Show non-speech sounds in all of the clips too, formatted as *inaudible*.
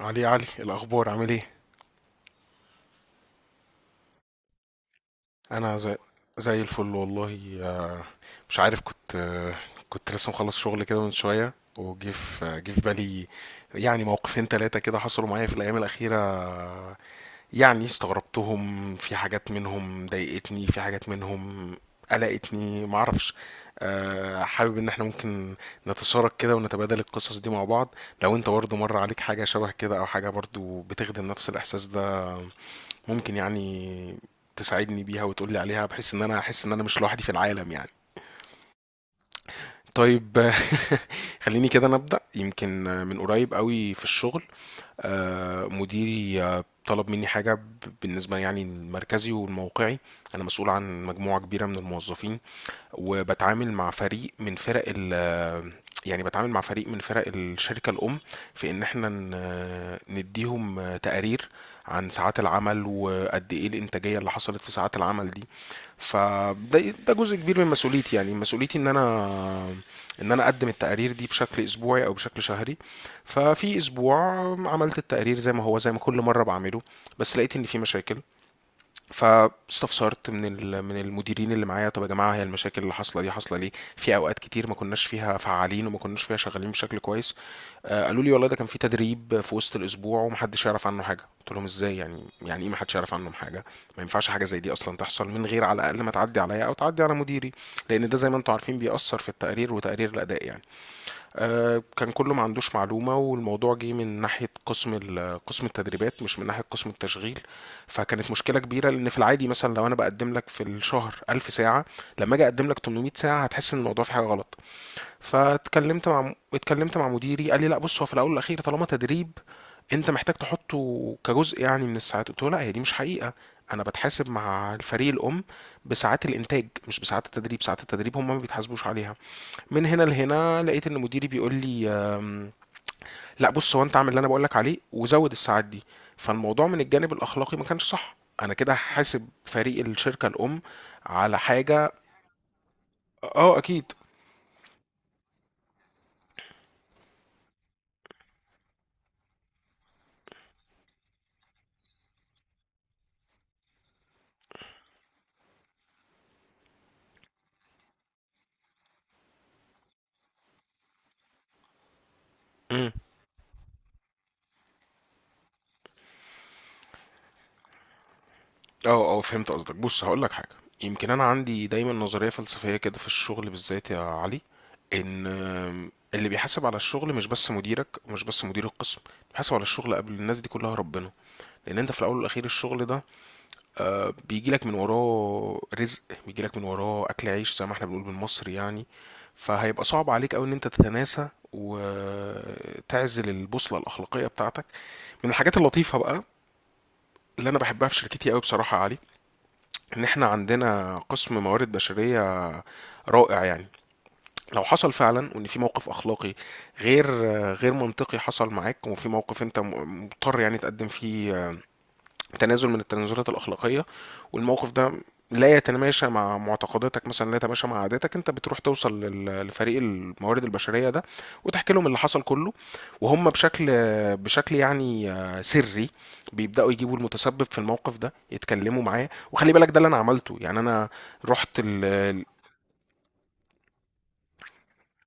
علي علي الأخبار عامل ايه؟ أنا زي الفل والله، آه، مش عارف كنت، آه، كنت لسه مخلص شغل كده من شوية وجه في آه، جه في بالي يعني موقفين تلاتة كده حصلوا معايا في الأيام الأخيرة، آه، يعني استغربتهم في حاجات منهم ضايقتني في حاجات منهم قلقتني معرفش. آه، حابب ان احنا ممكن نتشارك كده ونتبادل القصص دي مع بعض. لو انت برضو مر عليك حاجة شبه كده او حاجة برضو بتخدم نفس الاحساس ده ممكن يعني تساعدني بيها وتقولي عليها بحيث ان انا احس ان انا مش لوحدي في العالم يعني. طيب. *laughs* خليني كده نبدأ يمكن من قريب قوي في الشغل. آه، مديري آه، طلب مني بالنسبة يعني المركزي والموقعي. أنا مسؤول عن مجموعة كبيرة من الموظفين وبتعامل مع فريق من فرق ال يعني بتعامل مع فريق من فرق الشركة الأم، في إن إحنا نديهم تقارير عن ساعات العمل وقد إيه الإنتاجية اللي حصلت في ساعات العمل دي. فده ده جزء كبير من مسؤوليتي، يعني مسؤوليتي إن أنا أقدم التقارير دي بشكل أسبوعي أو بشكل شهري. ففي أسبوع عملت التقرير زي ما هو زي ما كل مرة بعمله، بس لقيت إن في مشاكل. فاستفسرت من المديرين اللي معايا، طب يا جماعه هي المشاكل اللي حاصله دي حاصله ليه في اوقات كتير ما كناش فيها فعالين وما كناش فيها شغالين بشكل كويس. آه، قالوا لي والله ده كان في تدريب في وسط الاسبوع ومحدش يعرف عنه حاجه. قلت لهم ازاي، يعني ايه محدش يعرف عنه حاجه، ما ينفعش حاجه زي دي اصلا تحصل من غير على الاقل ما تعدي عليا او تعدي على مديري، لان ده زي ما انتم عارفين بيأثر في التقرير وتقرير الاداء يعني. آه، كان كله ما عندوش معلومة، والموضوع جه من ناحية قسم التدريبات مش من ناحية قسم التشغيل. فكانت مشكلة كبيرة، لأن في العادي مثلا لو أنا بقدم لك في الشهر 1000 ساعة لما أجي أقدم لك 800 ساعة هتحس إن الموضوع في حاجة غلط. فاتكلمت مع اتكلمت مع مديري قال لي لا بص، هو في الاول والاخير طالما تدريب انت محتاج تحطه كجزء يعني من الساعات. قلت له لا هي دي مش حقيقه، انا بتحاسب مع الفريق الام بساعات الانتاج مش بساعات التدريب، ساعات التدريب هم ما بيتحاسبوش عليها. من هنا لهنا لقيت ان مديري بيقول لي لا بص، هو انت اعمل اللي انا بقول لك عليه وزود الساعات دي. فالموضوع من الجانب الاخلاقي ما كانش صح، انا كده هحاسب فريق الشركه الام على حاجه. اه اكيد. مم. اه، اه فهمت قصدك. بص هقولك حاجة، يمكن انا عندي دايما نظرية فلسفية كده في الشغل بالذات يا علي، ان اللي بيحاسب على الشغل مش بس مديرك ومش بس مدير القسم، اللي بيحاسب على الشغل قبل الناس دي كلها ربنا، لان انت في الاول والاخير الشغل ده آه، بيجيلك من وراه رزق، بيجيلك من وراه اكل عيش زي ما احنا بنقول بالمصري يعني. فهيبقى صعب عليك قوي ان انت تتناسى وتعزل البوصلة الاخلاقية بتاعتك. من الحاجات اللطيفة بقى اللي انا بحبها في شركتي قوي بصراحة يا علي، ان احنا عندنا قسم موارد بشرية رائع يعني. لو حصل فعلا وان في موقف اخلاقي غير غير منطقي حصل معاك، وفي موقف انت مضطر يعني تقدم فيه تنازل من التنازلات الاخلاقيه والموقف ده لا يتماشى مع معتقداتك، مثلا لا يتماشى مع عاداتك، انت بتروح توصل لفريق الموارد البشريه ده وتحكي لهم اللي حصل كله، وهم بشكل يعني آه، سري بيبداوا يجيبوا المتسبب في الموقف ده يتكلموا معاه. وخلي بالك ده اللي انا عملته، يعني انا رحت ال-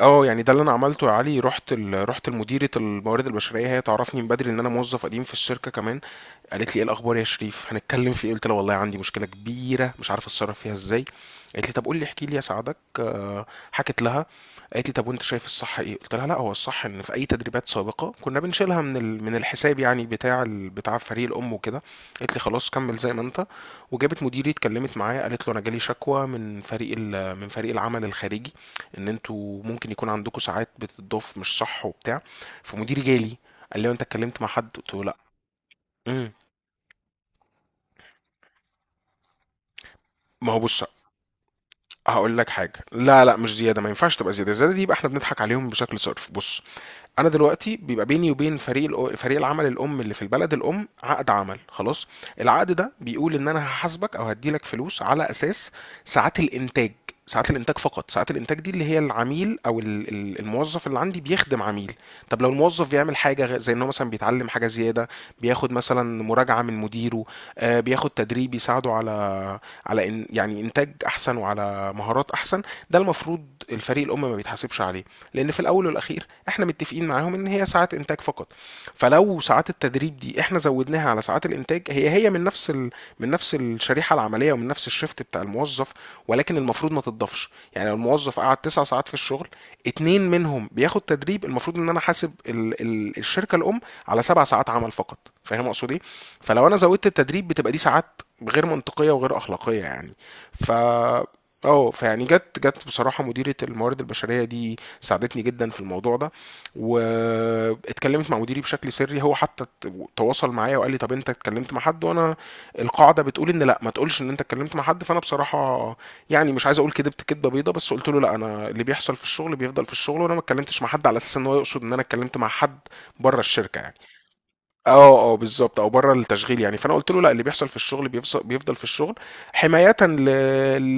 اه يعني ده اللي انا عملته يا علي رحت رحت لمديره الموارد البشريه، هي تعرفني من بدري ان انا موظف قديم في الشركه كمان. قالت لي ايه الاخبار يا شريف هنتكلم في ايه، قلت لها والله عندي مشكله كبيره مش عارف اتصرف فيها ازاي. قالت لي طب قول لي احكي لي اساعدك. آه، حكت لها، قالت لي طب وانت شايف الصح ايه، قلت لها لا هو الصح ان في اي تدريبات سابقه كنا بنشيلها من الحساب يعني بتاع فريق الام وكده. قالت لي خلاص كمل زي ما انت. وجابت مديري اتكلمت معايا قالت له انا جالي شكوى من فريق العمل الخارجي، ان انتوا ممكن يكون عندكم ساعات بتضاف مش صح وبتاع. فمديري جالي قال لي انت اتكلمت مع حد، قلت له لا. امم. ما هو بص هقول لك حاجه، لا لا مش زياده، ما ينفعش تبقى زياده، الزياده دي يبقى احنا بنضحك عليهم بشكل صرف. بص، انا دلوقتي بيبقى بيني وبين فريق العمل الام اللي في البلد الام عقد عمل خلاص. العقد ده بيقول ان انا هحاسبك او هديلك فلوس على اساس ساعات الانتاج، ساعات الانتاج فقط. ساعات الانتاج دي اللي هي العميل، او الموظف اللي عندي بيخدم عميل. طب لو الموظف بيعمل زي انه مثلا بيتعلم حاجه زياده، بياخد مثلا مراجعه من مديره، آه، بياخد تدريب يساعده على على إن يعني انتاج احسن وعلى مهارات احسن. ده المفروض الفريق الام ما بيتحاسبش عليه، لان في الاول والاخير احنا متفقين معاهم ان هي ساعات انتاج فقط. فلو ساعات التدريب دي احنا زودناها على ساعات الانتاج، هي من نفس من نفس الشريحه العمليه ومن نفس الشفت بتاع الموظف، ولكن المفروض ما تضافش. يعني لو الموظف قعد تسع ساعات في الشغل اتنين منهم بياخد تدريب، المفروض ان انا حاسب الشركه الام على سبع ساعات عمل فقط، فاهم اقصد ايه. فلو انا زودت التدريب بتبقى دي ساعات غير منطقيه وغير اخلاقيه يعني. ف اه فيعني جت بصراحه مديره الموارد البشريه دي ساعدتني جدا في الموضوع ده، واتكلمت مع مديري بشكل سري، هو حتى تواصل معايا وقال لي طب انت اتكلمت مع حد، وانا القاعده بتقول ان لا ما تقولش ان انت اتكلمت مع حد. فانا بصراحه يعني مش عايز اقول كدبت كدبه بيضه، بس قلت له لا انا اللي بيحصل في الشغل بيفضل في الشغل، وانا ما اتكلمتش مع حد، على اساس ان هو يقصد ان انا اتكلمت مع حد بره الشركه يعني. اه اه بالظبط، او بره التشغيل يعني. فانا قلت له لا اللي بيحصل في الشغل بيفضل في الشغل، حمايه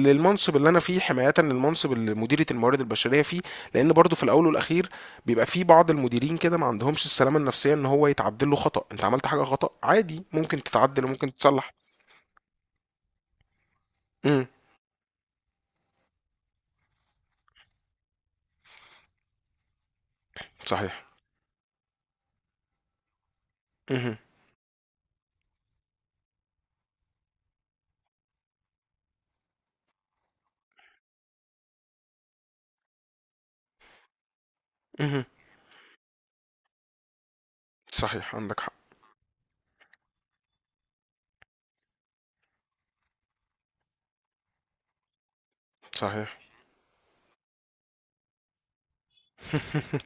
للمنصب اللي انا فيه، حمايه للمنصب اللي مديريه الموارد البشريه فيه، لان برضو في الاول والاخير بيبقى في بعض المديرين كده ما عندهمش السلامه النفسيه ان هو يتعدل له خطا، انت عملت حاجه خطا عادي ممكن تتعدل وممكن تصلح. امم. صحيح. امم. امم. صحيح عندك حق. صحيح. *laughs*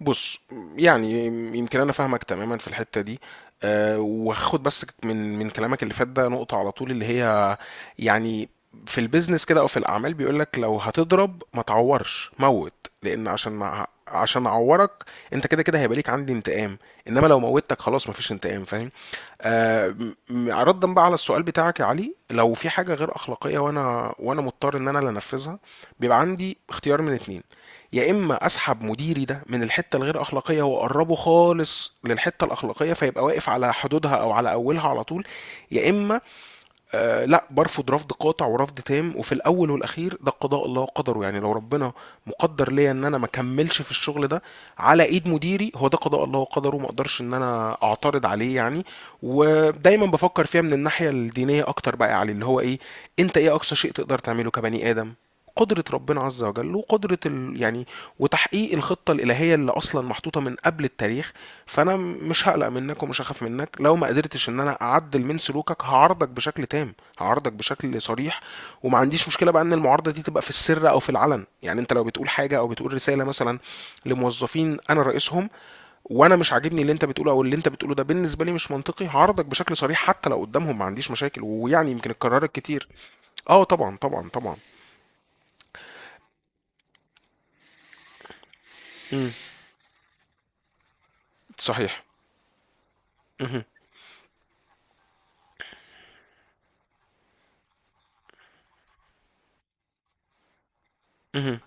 بُص، يعني يمكن أنا فاهمك تمامًا في الحتّة دي، وهاخد بس من كلامك اللي فات ده نقطة على طول اللي هي يعني، في الbusiness كده أو في الأعمال بيقول لك لو هتضرب ما تعوّرش، موّت، لإن عشان ما عشان أعوّرك أنت كده هيبقى ليك عندي انتقام، إنما لو موّتك خلاص ما فيش انتقام، فاهم؟ رَدًا بقى على السؤال بتاعك يا علي، لو في حاجة غير أخلاقية وأنا مضطر إن أنا اللي أنفذها، بيبقى عندي اختيار من 2. يا اما اسحب مديري ده من الحته الغير اخلاقيه واقربه خالص للحته الاخلاقيه فيبقى واقف على حدودها او على اولها على طول. يا اما آه لا برفض رفض قاطع ورفض تام، وفي الاول والاخير ده قضاء الله وقدره يعني. لو ربنا مقدر ليا ان انا ما كملش في الشغل ده على ايد مديري هو ده قضاء الله وقدره، ما اقدرش ان انا اعترض عليه يعني. ودايما بفكر فيها من الناحيه الدينيه اكتر بقى علي، اللي هو ايه، انت ايه اقصى شيء تقدر تعمله كبني ادم؟ قدرة ربنا عز وجل وقدرة يعني وتحقيق الخطة الإلهية اللي أصلا محطوطة من قبل التاريخ. فأنا مش هقلق منك ومش هخاف منك، لو ما قدرتش إن أنا أعدل من سلوكك هعارضك بشكل تام، هعارضك بشكل صريح، وما عنديش مشكلة بقى إن المعارضة دي تبقى في السر أو في العلن. يعني أنت لو بتقول حاجة أو بتقول رسالة مثلا لموظفين أنا رئيسهم وأنا مش عاجبني اللي أنت بتقوله، أو اللي أنت بتقوله ده بالنسبة لي مش منطقي، هعارضك بشكل صريح حتى لو قدامهم، ما عنديش مشاكل، ويعني يمكن اتكررت كتير. اه طبعا طبعا طبعا. مم. صحيح. اهم. اهم.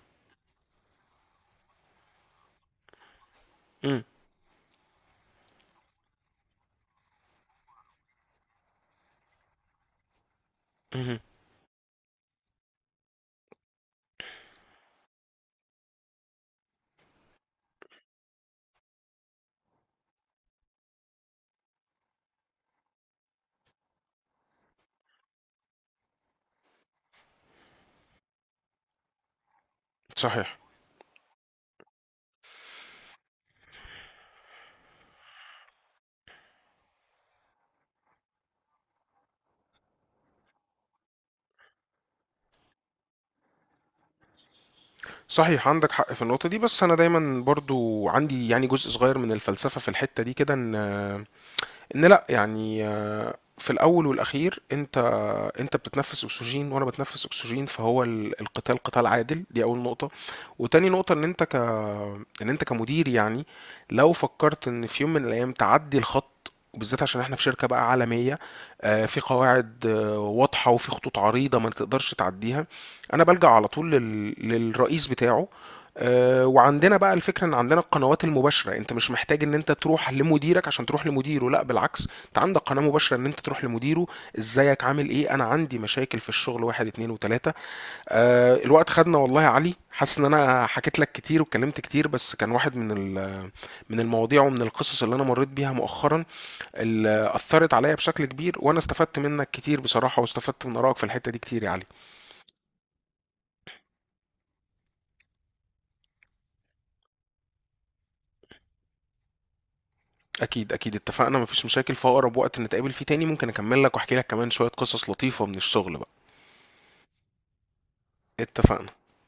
إمم. اهم. صحيح. صحيح عندك حق في النقطة دي، بس أنا دايمًا برضه عندي يعني جزء صغير من الفلسفة في الحتة دي كده، إن لأ، يعني في الأول والأخير انت بتتنفس اكسجين وانا بتنفس اكسجين، فهو القتال قتال عادل، دي اول نقطة. وتاني نقطة ان انت ك ان انت كمدير يعني لو فكرت ان في يوم من الايام تعدي الخط، وبالذات عشان احنا في شركة بقى عالمية، آه، في قواعد آه، واضحة وفي خطوط عريضة ما تقدرش تعديها، انا بلجأ على طول للرئيس بتاعه. آه، وعندنا بقى الفكرة ان عندنا القنوات المباشرة، انت مش محتاج ان انت تروح لمديرك عشان تروح لمديره، لا بالعكس انت عندك قناة مباشرة ان انت تروح لمديره، ازيك عامل ايه انا عندي مشاكل في الشغل واحد اتنين وتلاتة. آه الوقت خدنا والله يا علي، حاسس ان انا حكيت لك كتير واتكلمت كتير، بس كان واحد من المواضيع ومن القصص اللي انا مريت بيها مؤخرا اللي اثرت عليا بشكل كبير، وانا استفدت منك كتير بصراحة واستفدت من ارائك في الحتة دي كتير يا علي. اكيد اكيد اتفقنا مفيش مشاكل، في اقرب وقت نتقابل فيه تاني ممكن اكمل لك واحكي لك كمان شوية قصص لطيفة من الشغل بقى. اتفقنا.